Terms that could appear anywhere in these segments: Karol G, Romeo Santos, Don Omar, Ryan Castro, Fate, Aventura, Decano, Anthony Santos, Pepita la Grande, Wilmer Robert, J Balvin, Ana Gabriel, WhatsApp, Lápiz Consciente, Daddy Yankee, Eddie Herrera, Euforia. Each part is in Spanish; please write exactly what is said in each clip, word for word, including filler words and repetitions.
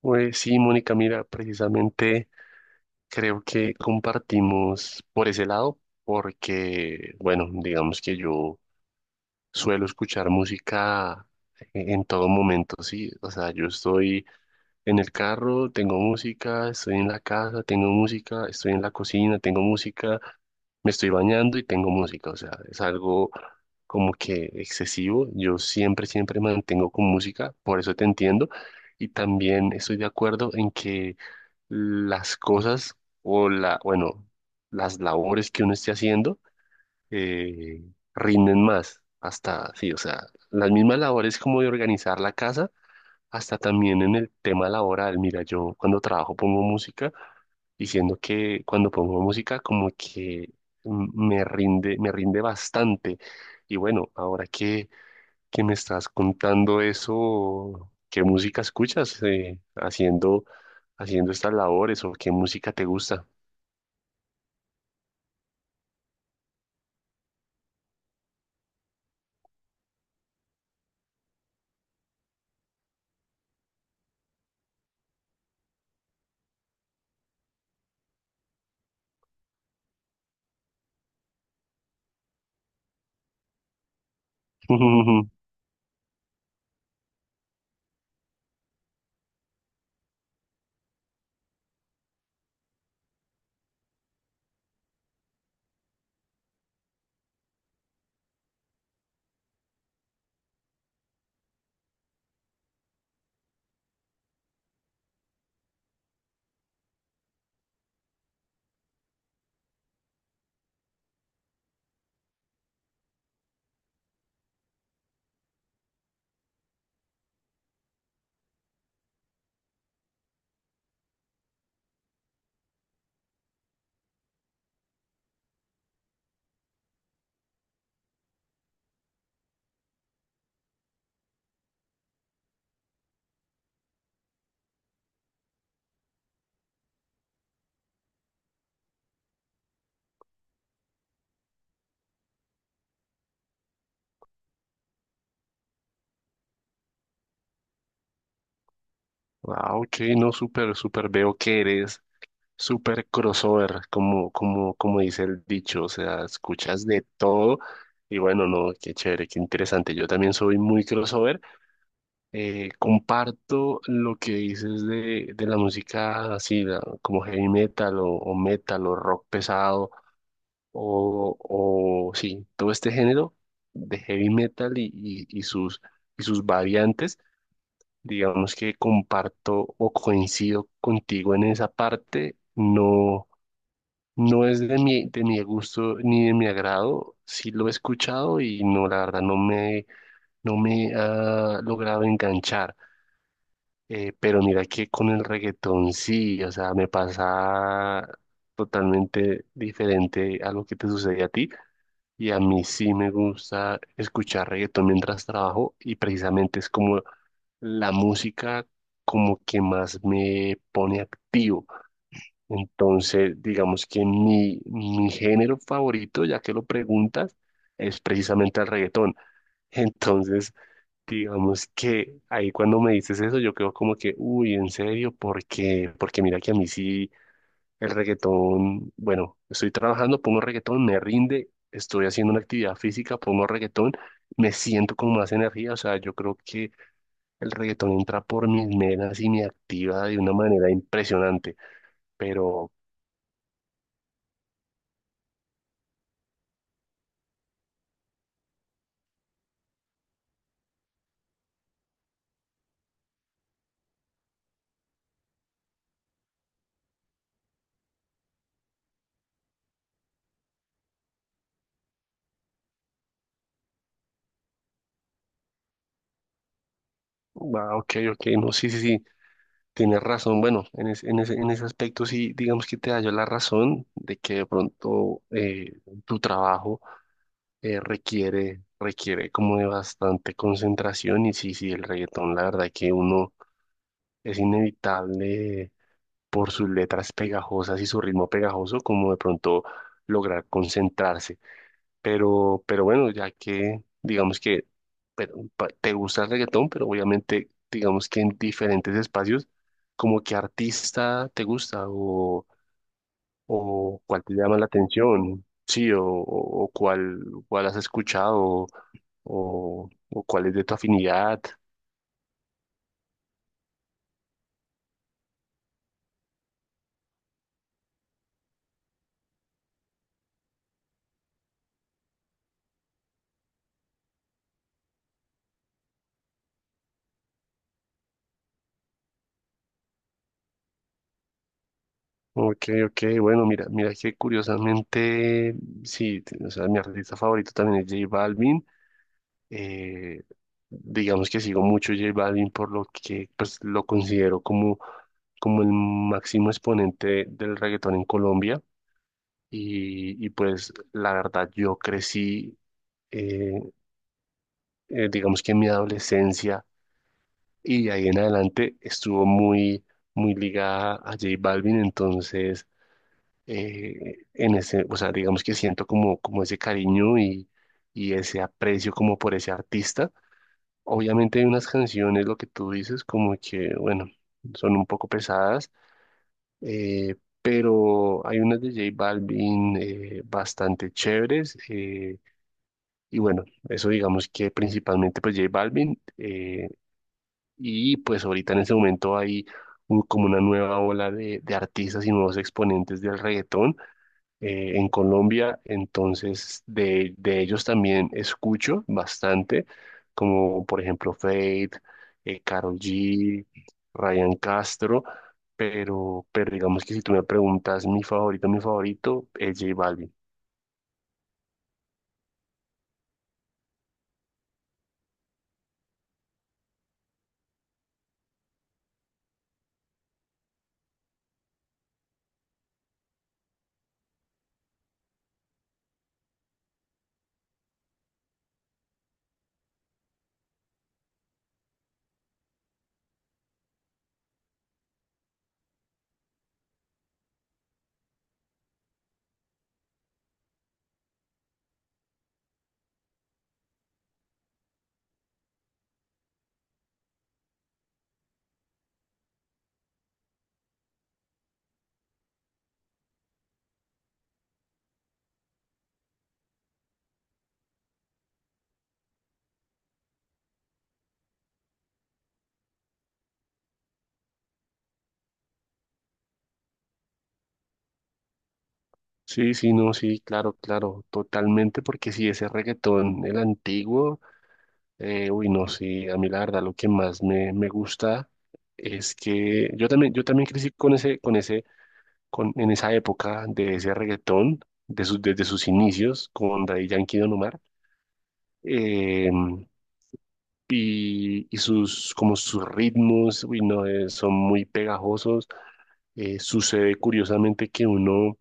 Pues sí, Mónica, mira, precisamente creo que compartimos por ese lado. Porque, bueno, digamos que yo suelo escuchar música e-, en todo momento, sí, o sea, yo estoy en el carro, tengo música, estoy en la casa, tengo música, estoy en la cocina, tengo música, me estoy bañando y tengo música. O sea, es algo como que excesivo. Yo siempre, siempre mantengo con música, por eso te entiendo. Y también estoy de acuerdo en que las cosas o la, bueno, las labores que uno esté haciendo eh, rinden más. Hasta, sí, o sea, las mismas labores como de organizar la casa hasta también en el tema laboral. Mira, yo cuando trabajo pongo música, diciendo que cuando pongo música como que mm, me rinde, me rinde bastante. Y bueno, ahora que, que me estás contando eso, ¿qué música escuchas eh, haciendo, haciendo estas labores o qué música te gusta? Ah, ok, no, súper, súper veo que eres súper crossover, como, como, como dice el dicho, o sea, escuchas de todo y bueno, no, qué chévere, qué interesante. Yo también soy muy crossover. Eh, comparto lo que dices de, de la música así, la- como heavy metal o, o metal o rock pesado o, o sí, todo este género de heavy metal y, y, y sus, y sus variantes. Digamos que comparto o coincido contigo en esa parte. No. No es de mi, de mi gusto ni de mi agrado. Sí lo he escuchado y no, la verdad, no me, no me ha logrado enganchar. Eh, pero mira que con el reggaetón sí, o sea, me pasa totalmente diferente a lo que te sucede a ti. Y a mí sí me gusta escuchar reggaetón mientras trabajo y precisamente es como la música como que más me pone activo. Entonces, digamos que mi, mi género favorito, ya que lo preguntas, es precisamente el reggaetón. Entonces, digamos que ahí cuando me dices eso, yo quedo como que, uy, en serio, porque, porque mira que a mí sí el reggaetón, bueno, estoy trabajando, pongo reggaetón, me rinde, estoy haciendo una actividad física, pongo reggaetón, me siento con más energía, o sea, yo creo que el reggaetón entra por mis venas y me activa de una manera impresionante, pero ah, ok, ok, no, sí, sí, sí, tienes razón. Bueno, en, es- en ese, en ese aspecto sí, digamos que te hallo la razón de que de pronto eh, tu trabajo eh, requiere, requiere como de bastante concentración y sí, sí, el reggaetón, la verdad que uno es inevitable por sus letras pegajosas y su ritmo pegajoso, como de pronto lograr concentrarse. Pero, pero bueno, ya que digamos que pero, pa- te gusta el reggaetón, pero obviamente digamos que en diferentes espacios, como qué artista te gusta o, o cuál te llama la atención, sí, o, o o cuál, cuál has escuchado o, o cuál es de tu afinidad. Ok, ok, bueno, mira, mira que curiosamente, sí, t- o sea, mi artista favorito también es J Balvin. Eh, digamos que sigo mucho J Balvin por lo que pues, lo considero como, como el máximo exponente del reggaetón en Colombia. Y, y, pues la verdad, yo crecí, eh, eh, digamos que en mi adolescencia y de ahí en adelante estuvo muy, muy ligada a J Balvin. Entonces, eh, en ese, o sea, digamos que siento como, como ese cariño y, y ese aprecio como por ese artista. Obviamente hay unas canciones, lo que tú dices, como que, bueno, son un poco pesadas, eh, pero hay unas de J Balvin eh, bastante chéveres. Eh, y bueno, eso digamos que principalmente pues J Balvin. Eh, y pues ahorita en ese momento hay un- como una nueva ola de, de artistas y nuevos exponentes del reggaetón eh, en Colombia, entonces de, de ellos también escucho bastante, como por ejemplo Fate, eh, Karol G, Ryan Castro, pero, pero digamos que si tú me preguntas mi favorito, mi favorito es J Balvin. Sí, sí, no, sí, claro, claro, totalmente, porque si ese reggaetón, el antiguo, eh, uy, no, sí, a mí la verdad lo que más me, me gusta es que yo también, yo también crecí con ese, con ese con, en esa época de ese reggaetón, de sus- desde sus inicios con Daddy Yankee y Don Omar, eh, y, y sus, como sus ritmos, uy, no, eh, son muy pegajosos. Eh, sucede curiosamente que uno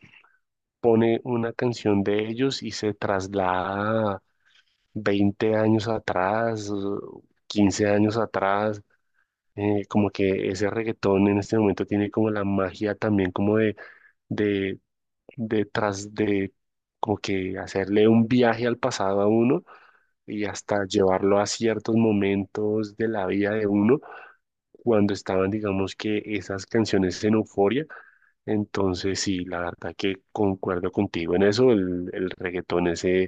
pone una canción de ellos y se traslada veinte años atrás, o quince años atrás. Eh, como que ese reggaetón en este momento tiene como la magia también como de de, detrás de como que hacerle un viaje al pasado a uno y hasta llevarlo a ciertos momentos de la vida de uno cuando estaban, digamos que esas canciones en euforia. Entonces, sí, la verdad que concuerdo contigo en eso, el, el reggaetón ese,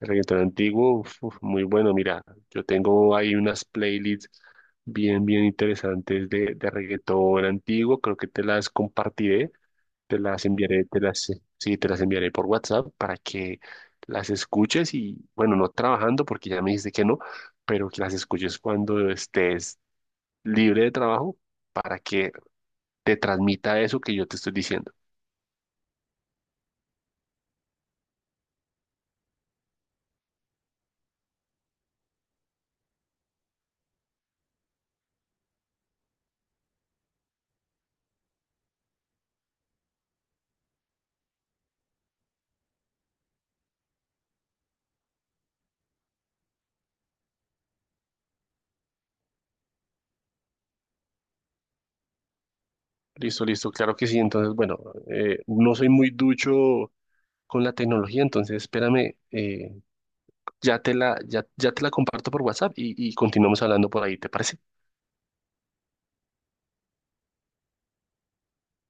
el reggaetón antiguo, uf, uf, muy bueno. Mira, yo tengo ahí unas playlists bien, bien interesantes de, de reggaetón antiguo, creo que te las compartiré, te las enviaré, te las, eh, sí, te las enviaré por WhatsApp para que las escuches y, bueno, no trabajando porque ya me dijiste que no, pero que las escuches cuando estés libre de trabajo para que te transmita eso que yo te estoy diciendo. Listo, listo, claro que sí. Entonces, bueno, eh, no soy muy ducho con la tecnología, entonces espérame, eh, ya te la, ya, ya te la comparto por WhatsApp y, y continuamos hablando por ahí, ¿te parece?